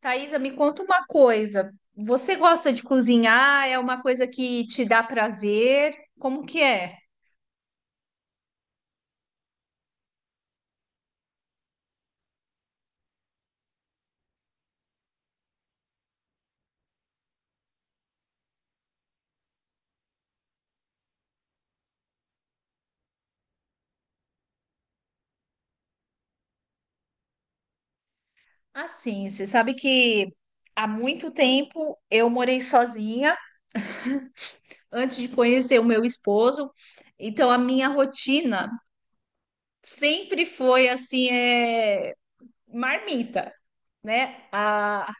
Thaisa, me conta uma coisa. Você gosta de cozinhar? É uma coisa que te dá prazer? Como que é? Assim, você sabe que há muito tempo eu morei sozinha antes de conhecer o meu esposo. Então a minha rotina sempre foi assim, é marmita, né? A,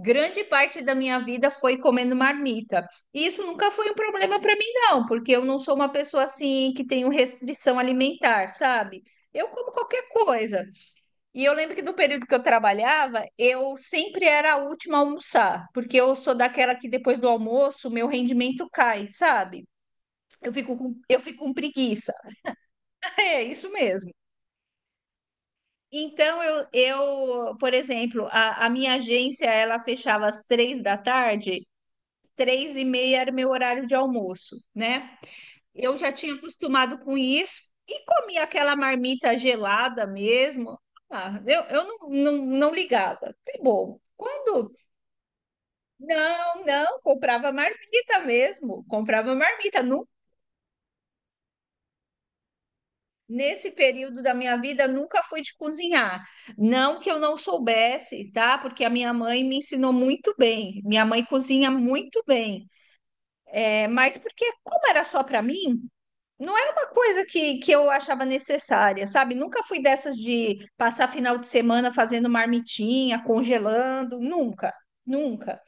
grande parte da minha vida foi comendo marmita. E isso nunca foi um problema para mim, não, porque eu não sou uma pessoa assim que tenho restrição alimentar, sabe? Eu como qualquer coisa. E eu lembro que no período que eu trabalhava, eu sempre era a última a almoçar, porque eu sou daquela que depois do almoço, meu rendimento cai, sabe? Eu fico com preguiça. É isso mesmo. Então, eu, por exemplo, a minha agência, ela fechava às três da tarde, três e meia era meu horário de almoço, né? Eu já tinha acostumado com isso e comia aquela marmita gelada mesmo. Ah, eu não, não, não ligava. Que bom. Quando? Não, não, comprava marmita mesmo, comprava marmita. Nesse período da minha vida, nunca fui de cozinhar. Não que eu não soubesse, tá? Porque a minha mãe me ensinou muito bem. Minha mãe cozinha muito bem. É, mas porque, como era só para mim, não era uma coisa que eu achava necessária, sabe? Nunca fui dessas de passar final de semana fazendo marmitinha, congelando, nunca, nunca.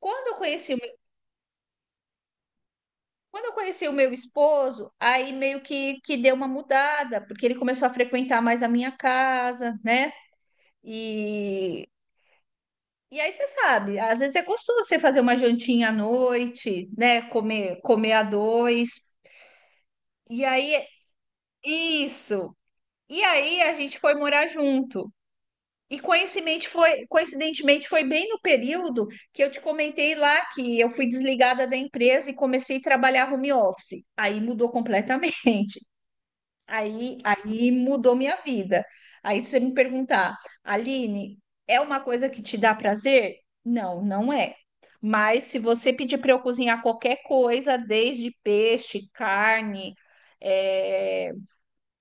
Quando eu conheci, o meu- Quando eu conheci o meu esposo, aí meio que deu uma mudada, porque ele começou a frequentar mais a minha casa, né? E, e aí você sabe, às vezes é gostoso você fazer uma jantinha à noite, né? Comer, comer a dois. E aí, isso. E aí a gente foi morar junto. E coincidentemente foi bem no período que eu te comentei lá que eu fui desligada da empresa e comecei a trabalhar home office. Aí mudou completamente. Aí mudou minha vida. Aí se você me perguntar, Aline, é uma coisa que te dá prazer? Não, não é. Mas se você pedir para eu cozinhar qualquer coisa, desde peixe, carne, eh,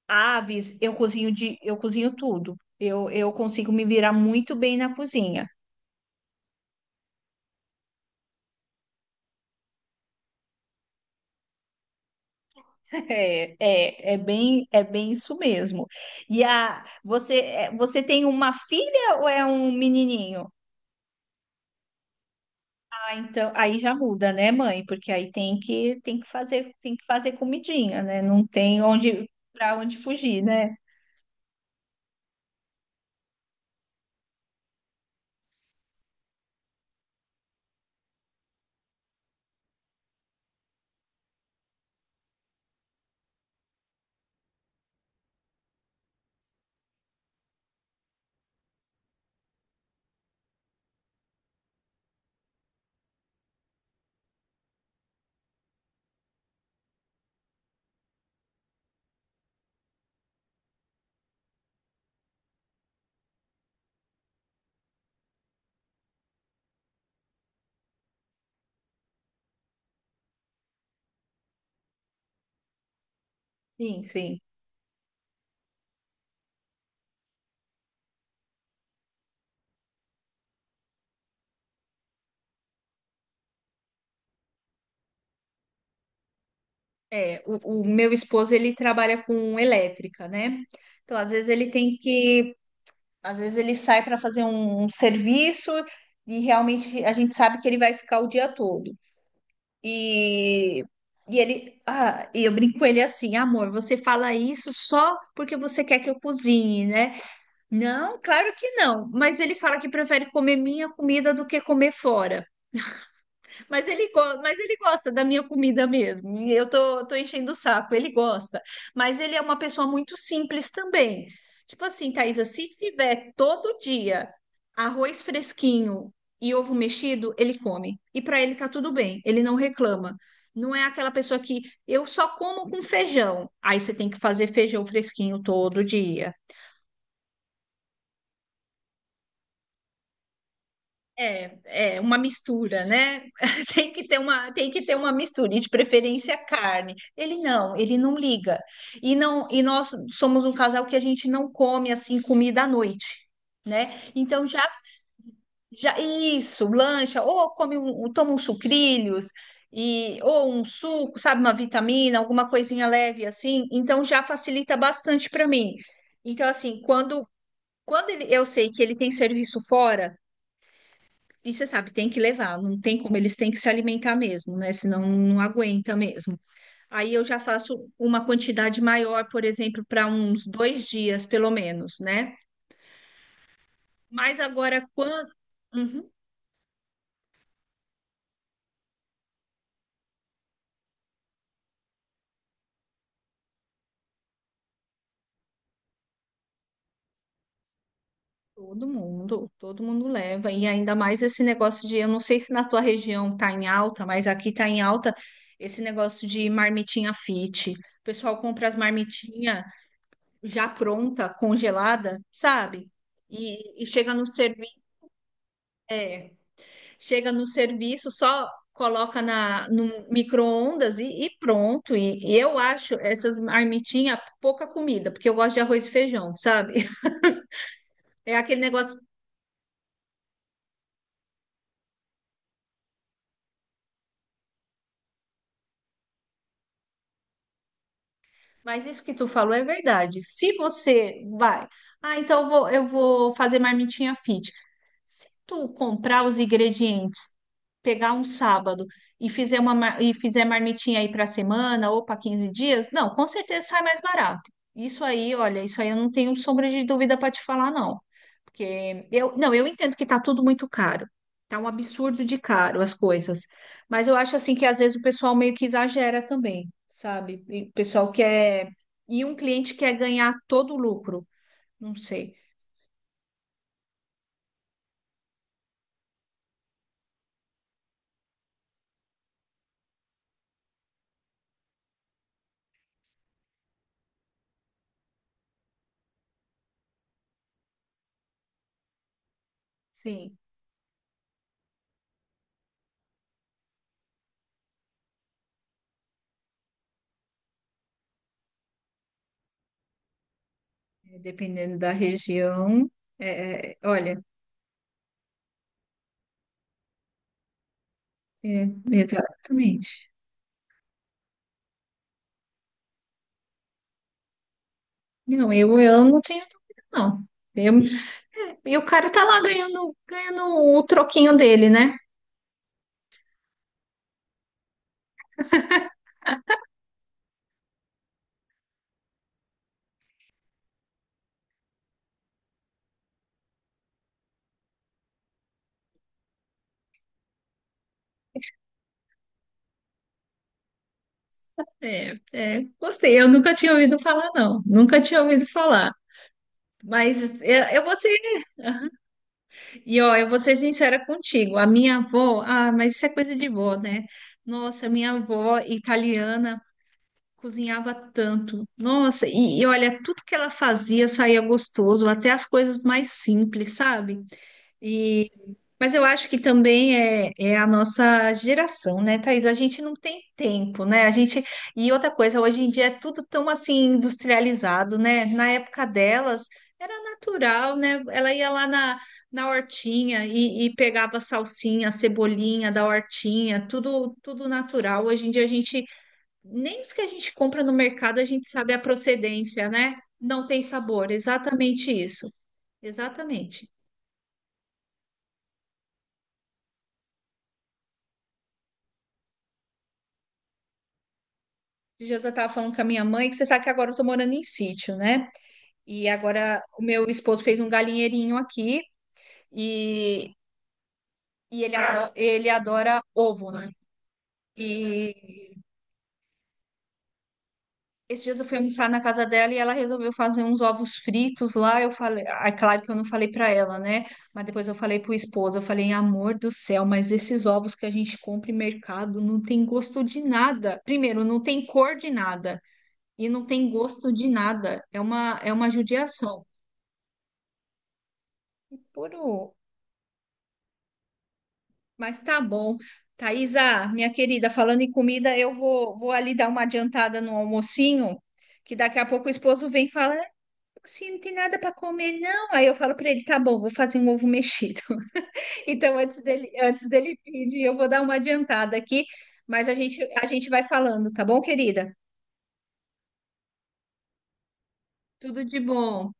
aves, eu cozinho tudo. Eu consigo me virar muito bem na cozinha. É, é, é bem isso mesmo. E a, você, é, você tem uma filha ou é um menininho? Ah, então, aí já muda, né, mãe? Porque aí tem que, tem que fazer comidinha, né? Não tem onde, para onde fugir, né? Sim, sim. É, o meu esposo, ele trabalha com elétrica, né? Então, às vezes ele tem que... Às vezes ele sai para fazer um serviço e realmente a gente sabe que ele vai ficar o dia todo. E, e ele, ah, e eu brinco com ele assim, amor, você fala isso só porque você quer que eu cozinhe, né? Não, claro que não. Mas ele fala que prefere comer minha comida do que comer fora. Mas ele gosta da minha comida mesmo. E eu tô enchendo o saco, ele gosta. Mas ele é uma pessoa muito simples também. Tipo assim, Thaisa, se tiver todo dia arroz fresquinho e ovo mexido, ele come. E para ele tá tudo bem, ele não reclama. Não é aquela pessoa que eu só como com feijão. Aí você tem que fazer feijão fresquinho todo dia. É, é uma mistura, né? Tem que ter uma, tem que ter uma mistura, e de preferência carne. Ele não liga. E não, e nós somos um casal que a gente não come assim comida à noite, né? Então já, já isso, lancha, ou come um, um, toma uns sucrilhos e ou um suco, sabe, uma vitamina, alguma coisinha leve assim. Então já facilita bastante para mim. Então assim, quando eu sei que ele tem serviço fora e você sabe, tem que levar, não tem como, eles têm que se alimentar mesmo, né? Senão não aguenta mesmo. Aí eu já faço uma quantidade maior, por exemplo, para uns dois dias, pelo menos, né? Mas agora, quando... Uhum, todo mundo leva. E ainda mais esse negócio de, eu não sei se na tua região tá em alta, mas aqui tá em alta esse negócio de marmitinha fit. O pessoal compra as marmitinhas já pronta, congelada, sabe? E, e chega no serviço. chega no serviço, só coloca na, no micro-ondas e pronto. E eu acho essas marmitinhas pouca comida, porque eu gosto de arroz e feijão, sabe? É aquele negócio. Mas isso que tu falou é verdade. Se você vai, ah, então eu vou fazer marmitinha fit. Se tu comprar os ingredientes, pegar um sábado e fizer marmitinha aí para semana ou para 15 dias, não, com certeza sai mais barato. Isso aí, olha, isso aí eu não tenho sombra de dúvida para te falar, não. Porque eu, não, eu entendo que tá tudo muito caro. Tá um absurdo de caro as coisas. Mas eu acho assim que às vezes o pessoal meio que exagera também, sabe? E o pessoal quer. E um cliente quer ganhar todo o lucro. Não sei. Sim, é, dependendo da região. É, é, olha, é, exatamente. Não, eu não tenho dúvida, não. Eu... e o cara tá lá ganhando, ganhando o troquinho dele, né? É, é, gostei. Eu nunca tinha ouvido falar, não. Nunca tinha ouvido falar. Mas eu vou ser E ó, eu vou ser sincera contigo, a minha avó, ah, mas isso é coisa de vó, né? Nossa, minha avó italiana cozinhava tanto. Nossa, e olha, tudo que ela fazia saía gostoso, até as coisas mais simples, sabe? E, mas eu acho que também é, é a nossa geração, né, Thaís? A gente não tem tempo, né? A gente, e outra coisa, hoje em dia é tudo tão assim industrializado, né? Na época delas era natural, né? Ela ia lá na, na hortinha e pegava salsinha, cebolinha da hortinha, tudo, tudo natural. Hoje em dia a gente, nem os que a gente compra no mercado a gente sabe a procedência, né? Não tem sabor, exatamente isso. Exatamente. Esse dia eu estava falando com a minha mãe, que você sabe que agora eu estou morando em sítio, né? E agora o meu esposo fez um galinheirinho aqui e, e ele adora ovo, né? E esses dias eu fui almoçar na casa dela e ela resolveu fazer uns ovos fritos lá. Eu falei, ah, é claro que eu não falei para ela, né? Mas depois eu falei pro esposo, eu falei, amor do céu, mas esses ovos que a gente compra em mercado não tem gosto de nada. Primeiro, não tem cor de nada e não tem gosto de nada. É uma judiação. Puro. Mas tá bom. Thaisa, minha querida, falando em comida, eu vou, vou ali dar uma adiantada no almocinho, que daqui a pouco o esposo vem e fala, "Ah, assim, não tem nada para comer, não." Aí eu falo para ele, tá bom, vou fazer um ovo mexido. Então, antes dele pedir, eu vou dar uma adiantada aqui, mas a gente vai falando, tá bom, querida? Tudo de bom.